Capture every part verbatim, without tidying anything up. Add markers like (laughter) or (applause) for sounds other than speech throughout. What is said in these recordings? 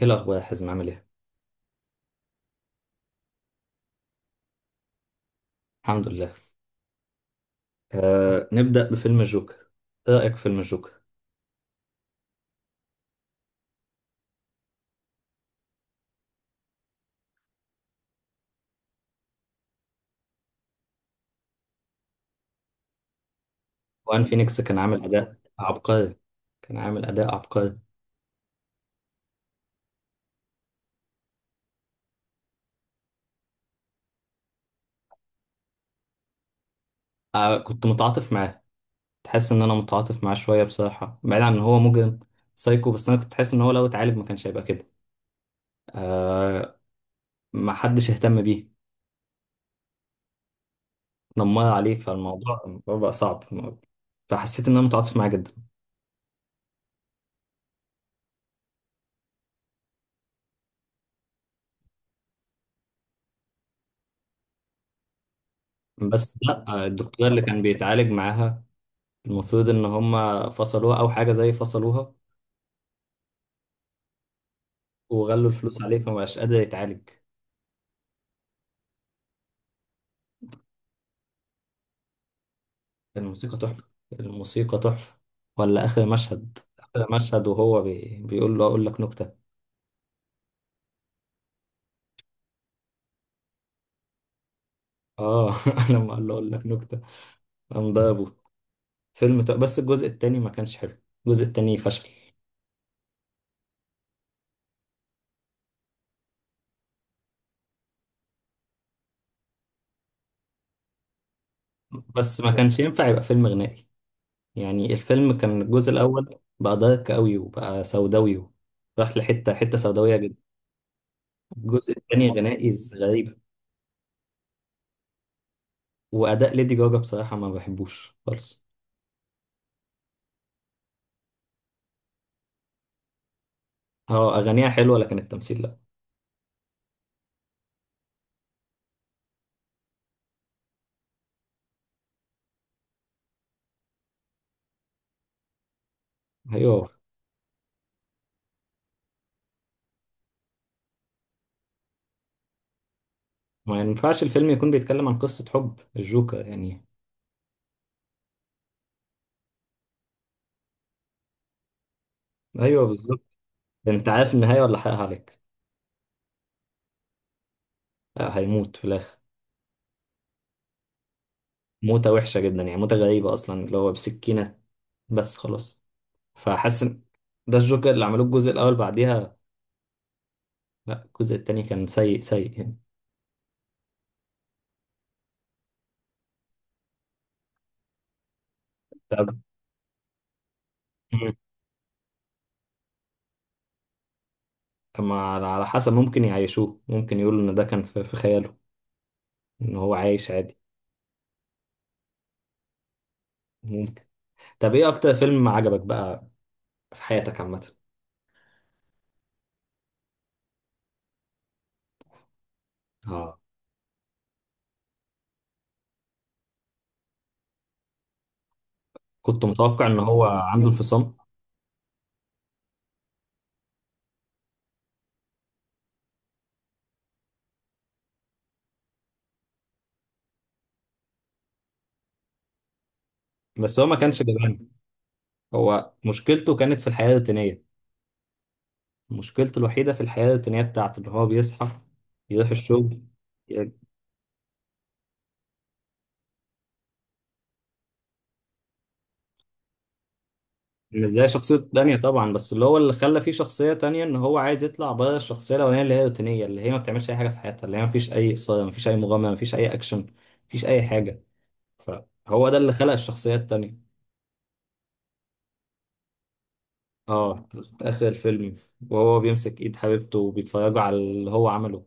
ايه الاخبار يا حازم عامل ايه. الحمد لله. آه، نبدا بفيلم الجوكر. ايه رايك في فيلم الجوكر. وان فينيكس كان عامل اداء عبقري. كان عامل اداء عبقري. آه، كنت متعاطف معاه. تحس ان انا متعاطف معاه شويه بصراحه، بعيد عن ان هو مجرم سايكو، بس انا كنت حاسس ان هو لو اتعالج ما كانش هيبقى كده. آه. ما حدش اهتم بيه. دمر عليه، فالموضوع الموضوع بقى صعب. فحسيت ان انا متعاطف معاه جدا. بس لا، آه، الدكتوره اللي كان بيتعالج معاها، المفروض ان هم فصلوها او حاجه زي فصلوها، وغلوا الفلوس عليه فمبقاش قادر يتعالج. الموسيقى تحفة. الموسيقى تحفة. ولا آخر مشهد، آخر مشهد وهو بي... بيقول له أقول لك نكتة. آه (laughs) لما قال له أقول لك نكتة قام ضربه. فيلم ت... بس الجزء التاني ما كانش حلو. الجزء التاني فشل. بس ما كانش ينفع يبقى فيلم غنائي. يعني الفيلم كان، الجزء الأول بقى دارك أوي وبقى سوداوي و- راح لحتة حتة سوداوية جدا. الجزء التاني غنائي غريب. وأداء ليدي جاجا بصراحة ما بحبوش خالص. اه أغانيها حلوة لكن التمثيل لأ. ايوه. ما ينفعش الفيلم يكون بيتكلم عن قصة حب الجوكر يعني. ايوه بالظبط. ده انت عارف النهاية ولا حقها عليك. آه، هيموت في الاخر. موتة وحشة جدا، يعني موتة غريبة اصلا اللي هو بسكينة. بس خلاص. فحاسس إن ده الجوكر اللي عملوه الجزء الاول، بعديها لا الجزء التاني كان سيء سيء يعني. طب. مم. أما على على حسب، ممكن يعيشوه، ممكن يقولوا ان ده كان في في خياله، ان هو عايش عادي. ممكن. طب ايه اكتر فيلم عجبك بقى في حياتك عامة. اه كنت متوقع ان هو عنده انفصام. بس هو ما كانش جبان. هو مشكلته كانت في الحياة الروتينية. مشكلته الوحيدة في الحياة الروتينية بتاعته، اللي هو بيصحى يروح الشغل. ي- مش زي شخصيته التانية طبعا، بس اللي هو اللي خلى فيه شخصية تانية ان هو عايز يطلع بره الشخصية الأولانية اللي هي روتينية، اللي هي ما بتعملش أي حاجة في حياتها، اللي هي ما فيش أي إثارة، ما فيش أي مغامرة، ما فيش أي أكشن، ما فيش أي حاجة. فهو ده اللي خلق الشخصية التانية. اه في آخر الفيلم وهو بيمسك إيد حبيبته وبيتفرجوا على اللي هو عمله،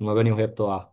المباني وهي بتقع.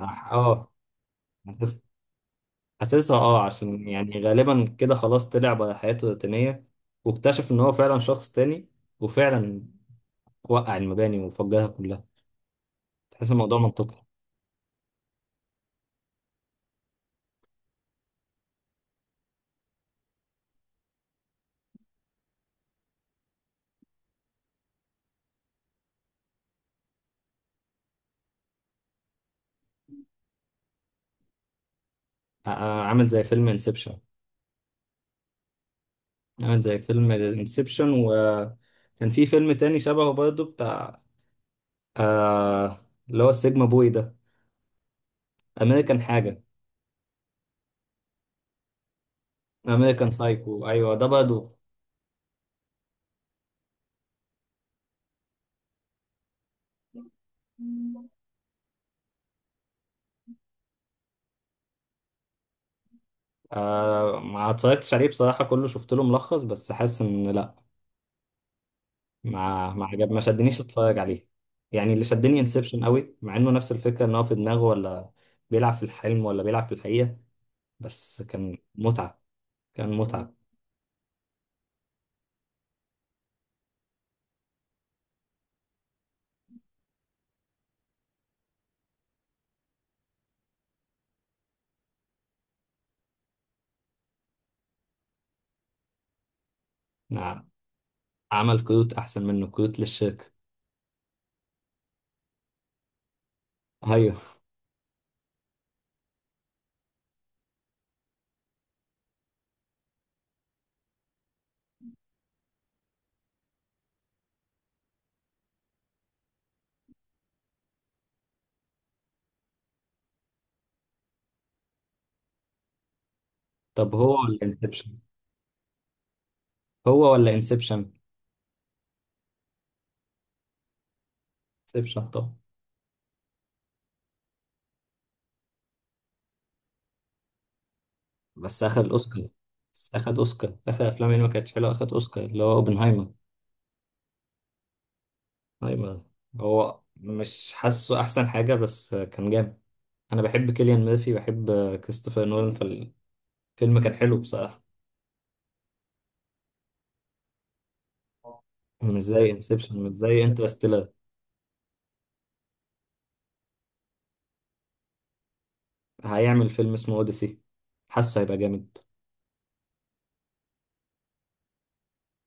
اه. آه، حاسسها اه، عشان يعني غالبا كده خلاص طلع بقى حياته الروتينية، واكتشف ان هو فعلا شخص تاني، وفعلا وقع المباني وفجرها كلها. تحس الموضوع منطقي. ع- عامل زي فيلم انسبشن. عامل زي فيلم انسبشن. وكان في فيلم تاني شبهه برضه بتاع، آه اللي هو السيجما بوي ده، امريكان حاجة. امريكان سايكو ايوه ده برضه. آه ما اتفرجتش عليه بصراحة، كله شفت له ملخص بس حاسس ان لا، ما ما عجب، ما شدنيش اتفرج عليه. يعني اللي شدني انسبشن قوي، مع انه نفس الفكره، ان هو في دماغه، ولا بيلعب في الحلم ولا بيلعب في الحقيقه. بس كان متعه. كان متعه. نعم. عمل كروت احسن منه، كروت للشركه. ايوه. طب هو ولا انسبشن. هو ولا انسبشن. انسبشن. طب. بس اخد الاوسكار. بس اخد اوسكار اخر افلام اللي ما كانتش حلوه، اخد اوسكار، اللي هو اوبنهايمر. اوبنهايمر. هو مش حاسه احسن حاجه بس كان جامد. انا بحب كيليان ميرفي، بحب كريستوفر نولان. فيلم كان حلو بصراحة. مش زي انسبشن، مش زي انترستيلر. هيعمل فيلم اسمه اوديسي. حاسه هيبقى جامد.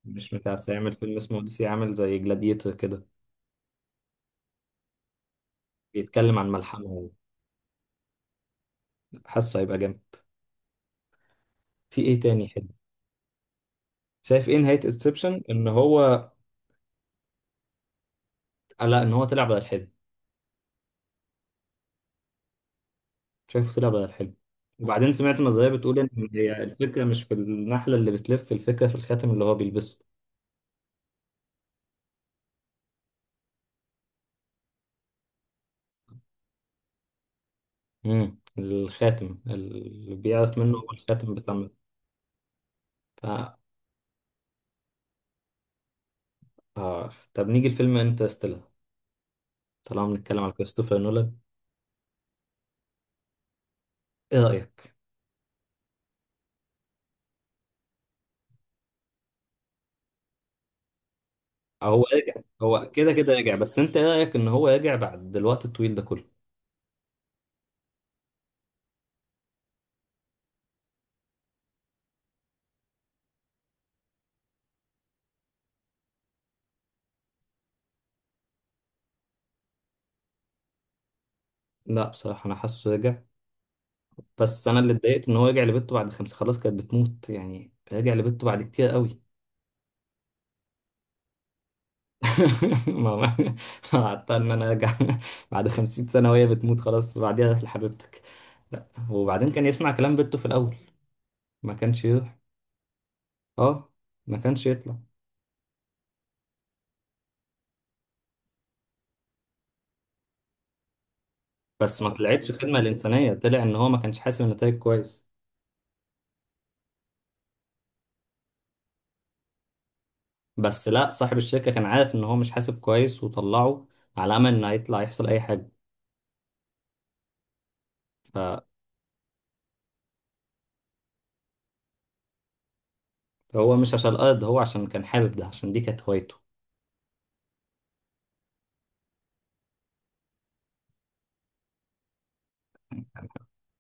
مش متعس، هيعمل فيلم اسمه اوديسي عامل زي جلاديتور كده. بيتكلم عن ملحمة. حاسه هيبقى جامد. في ايه تاني حلو. شايف ايه نهاية انسبشن ان هو. آه لا ان هو طلع بدل الحلم. شايفه طلع بدل الحلم. وبعدين سمعت نظرية بتقول ان هي الفكرة مش في النحلة اللي بتلف، الفكرة في الخاتم اللي هو بيلبسه. امم، الخاتم اللي بيعرف منه هو الخاتم بتاع. عارف. طب نيجي لفيلم انترستيلر، طالما بنتكلم على كريستوفر نولان. ايه رأيك. هو رجع. هو كده كده رجع، بس انت ايه رأيك ان هو رجع بعد الوقت الطويل ده كله. لا بصراحة انا حاسه رجع. بس انا اللي اتضايقت ان هو رجع لبنته بعد خمسة، خلاص كانت بتموت، يعني رجع لبنته بعد كتير قوي. (laughs) ما ما- ما قعدت ان انا ارجع (laughs) بعد خمسين سنة وهي بتموت خلاص، وبعديها روح لحبيبتك. لا وبعدين كان يسمع كلام بنته في الاول، ما كانش يروح. اه ما كانش يطلع. بس ما طلعتش خدمة للإنسانية، طلع إن هو ما كانش حاسب النتائج كويس. بس لا، صاحب الشركة كان عارف إن هو مش حاسب كويس وطلعه على أمل إن هيطلع يحصل أي حاجة. فهو مش عشان الأرض، هو عشان كان حابب، ده عشان دي كانت هوايته.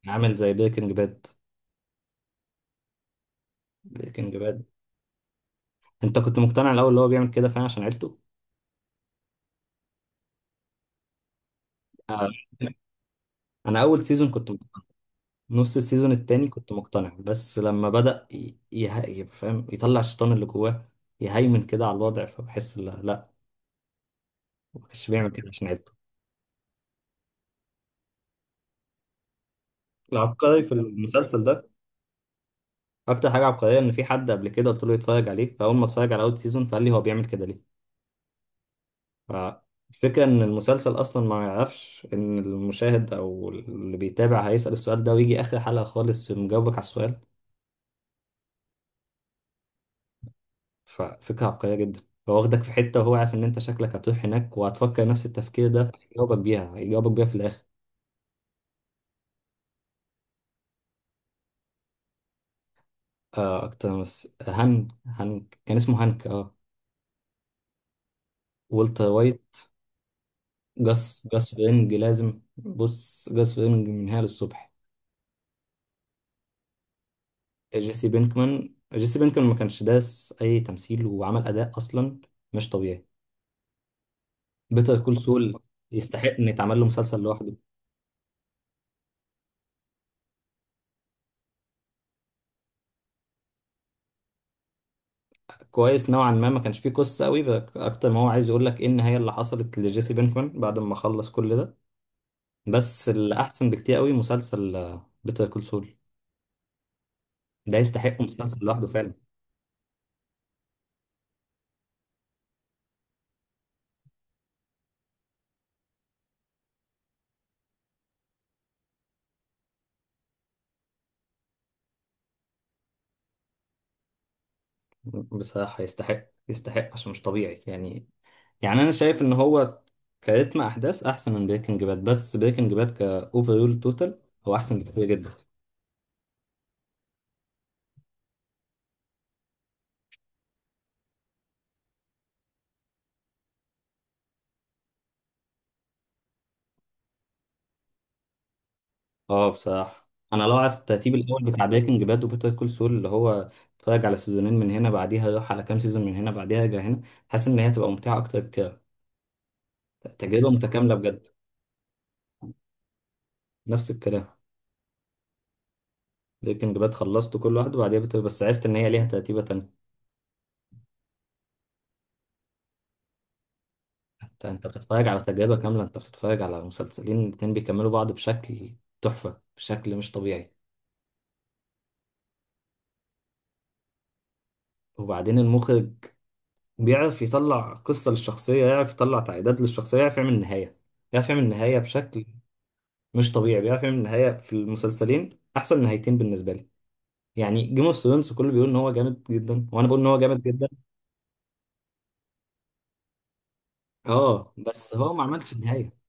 عامل زي بريكنج باد. بريكنج باد. أنت كنت مقتنع الأول اللي هو بيعمل كده فعلا عشان عيلته؟ آه، أنا أول سيزون كنت مقتنع. نص السيزون التاني كنت مقتنع، بس لما بدأ ي- يه... يبقى فاهم يطلع الشيطان اللي جواه يهيمن كده على الوضع فبحس لا لا، ما كانش بيعمل كده عشان عيلته. العبقري في المسلسل ده، اكتر حاجه عبقريه، ان في حد قبل كده قلت له يتفرج عليه، فاول ما اتفرج على اول سيزون فقال لي هو بيعمل كده ليه. فالفكره ان المسلسل اصلا ما يعرفش ان المشاهد او اللي بيتابع هيسال السؤال ده، ويجي اخر حلقه خالص مجاوبك على السؤال. ففكره عبقريه جدا. هو واخدك في حته وهو عارف ان انت شكلك هتروح هناك وهتفكر نفس التفكير ده، فهيجاوبك بيها، هيجاوبك بيها في الاخر. آه اكتر مس... هانك، هانك كان اسمه هانك اه. والتر وايت. جاس، جاس فرينج، لازم بص جاس فرينج من هنا للصبح. جيسي بينكمان، جيسي بينكمان ما كانش داس اي تمثيل وعمل اداء اصلا مش طبيعي. بيتر كول سول يستحق ان يتعمل له مسلسل لوحده. كويس نوعا ما، ما كانش فيه قصه قوي بقى، اكتر ما هو عايز يقول لك ايه النهايه اللي حصلت لجيسي بينكمان بعد ما خلص كل ده. بس اللي احسن بكتير قوي مسلسل بيتر كول سول. ده يستحق مسلسل لوحده فعلا. بصراحه يستحق، يستحق عشان مش طبيعي يعني. يعني انا شايف ان هو كريتم احداث احسن من بريكنج باد، بس بريكنج باد كاوفرول توتال هو احسن بكتير جدا. اه بصراحه انا لو عرفت الترتيب الاول بتاع بريكنج باد وبيتر كول سول، اللي هو اتفرج على سيزونين من هنا بعديها اروح على كام سيزون من هنا بعديها ارجع هنا، حاسس ان هي هتبقى ممتعه اكتر كتير. تجربه متكامله بجد. نفس الكلام. بريكنج باد خلصته كل واحد وبعديها بيتر، بس عرفت ان هي ليها ترتيبه تانية. انت انت بتتفرج على تجربه كامله، انت بتتفرج على مسلسلين الاتنين بيكملوا بعض بشكل تحفه، بشكل مش طبيعي. وبعدين المخرج بيعرف يطلع قصة للشخصية، يعرف يطلع تعقيدات للشخصية، يعرف يعمل نهاية، يعرف يعمل نهاية بشكل مش طبيعي. بيعرف يعمل نهاية، في المسلسلين أحسن نهايتين بالنسبة لي. يعني جيم اوف ثرونز كله بيقول إن هو جامد جدا وأنا بقول إن هو جامد جدا. أه بس هو ما عملش نهاية.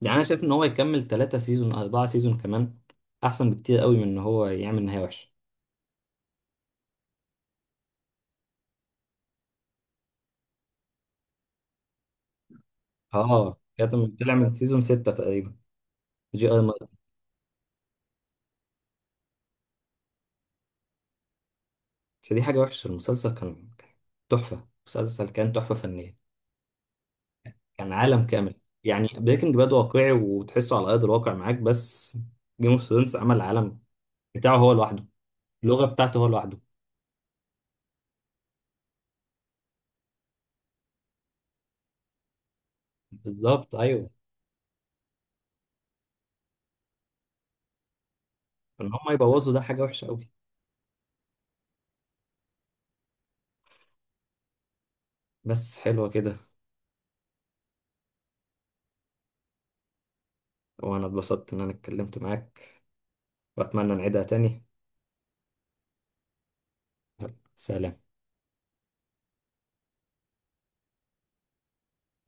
يعني أنا شايف إن هو يكمل تلاتة سيزون أربعة سيزون كمان أحسن بكتير قوي من إن هو يعمل نهاية وحشة. أه كانت. طلع من سيزون ستة تقريبا، جي آر مارتن. بس دي حاجة وحشة، المسلسل كان كان تحفة، مسلسل كان تحفة فنية. كان عالم كامل. يعني بريكنج باد واقعي وتحسه على ارض الواقع معاك، بس جيم اوف ثرونز عمل العالم بتاعه هو لوحده، اللغه بتاعته هو لوحده. بالظبط ايوه. ان هم يبوظوا ده حاجه وحشه قوي. بس حلوه كده. وانا اتبسطت ان انا اتكلمت معاك، واتمنى نعيدها تاني. سلام.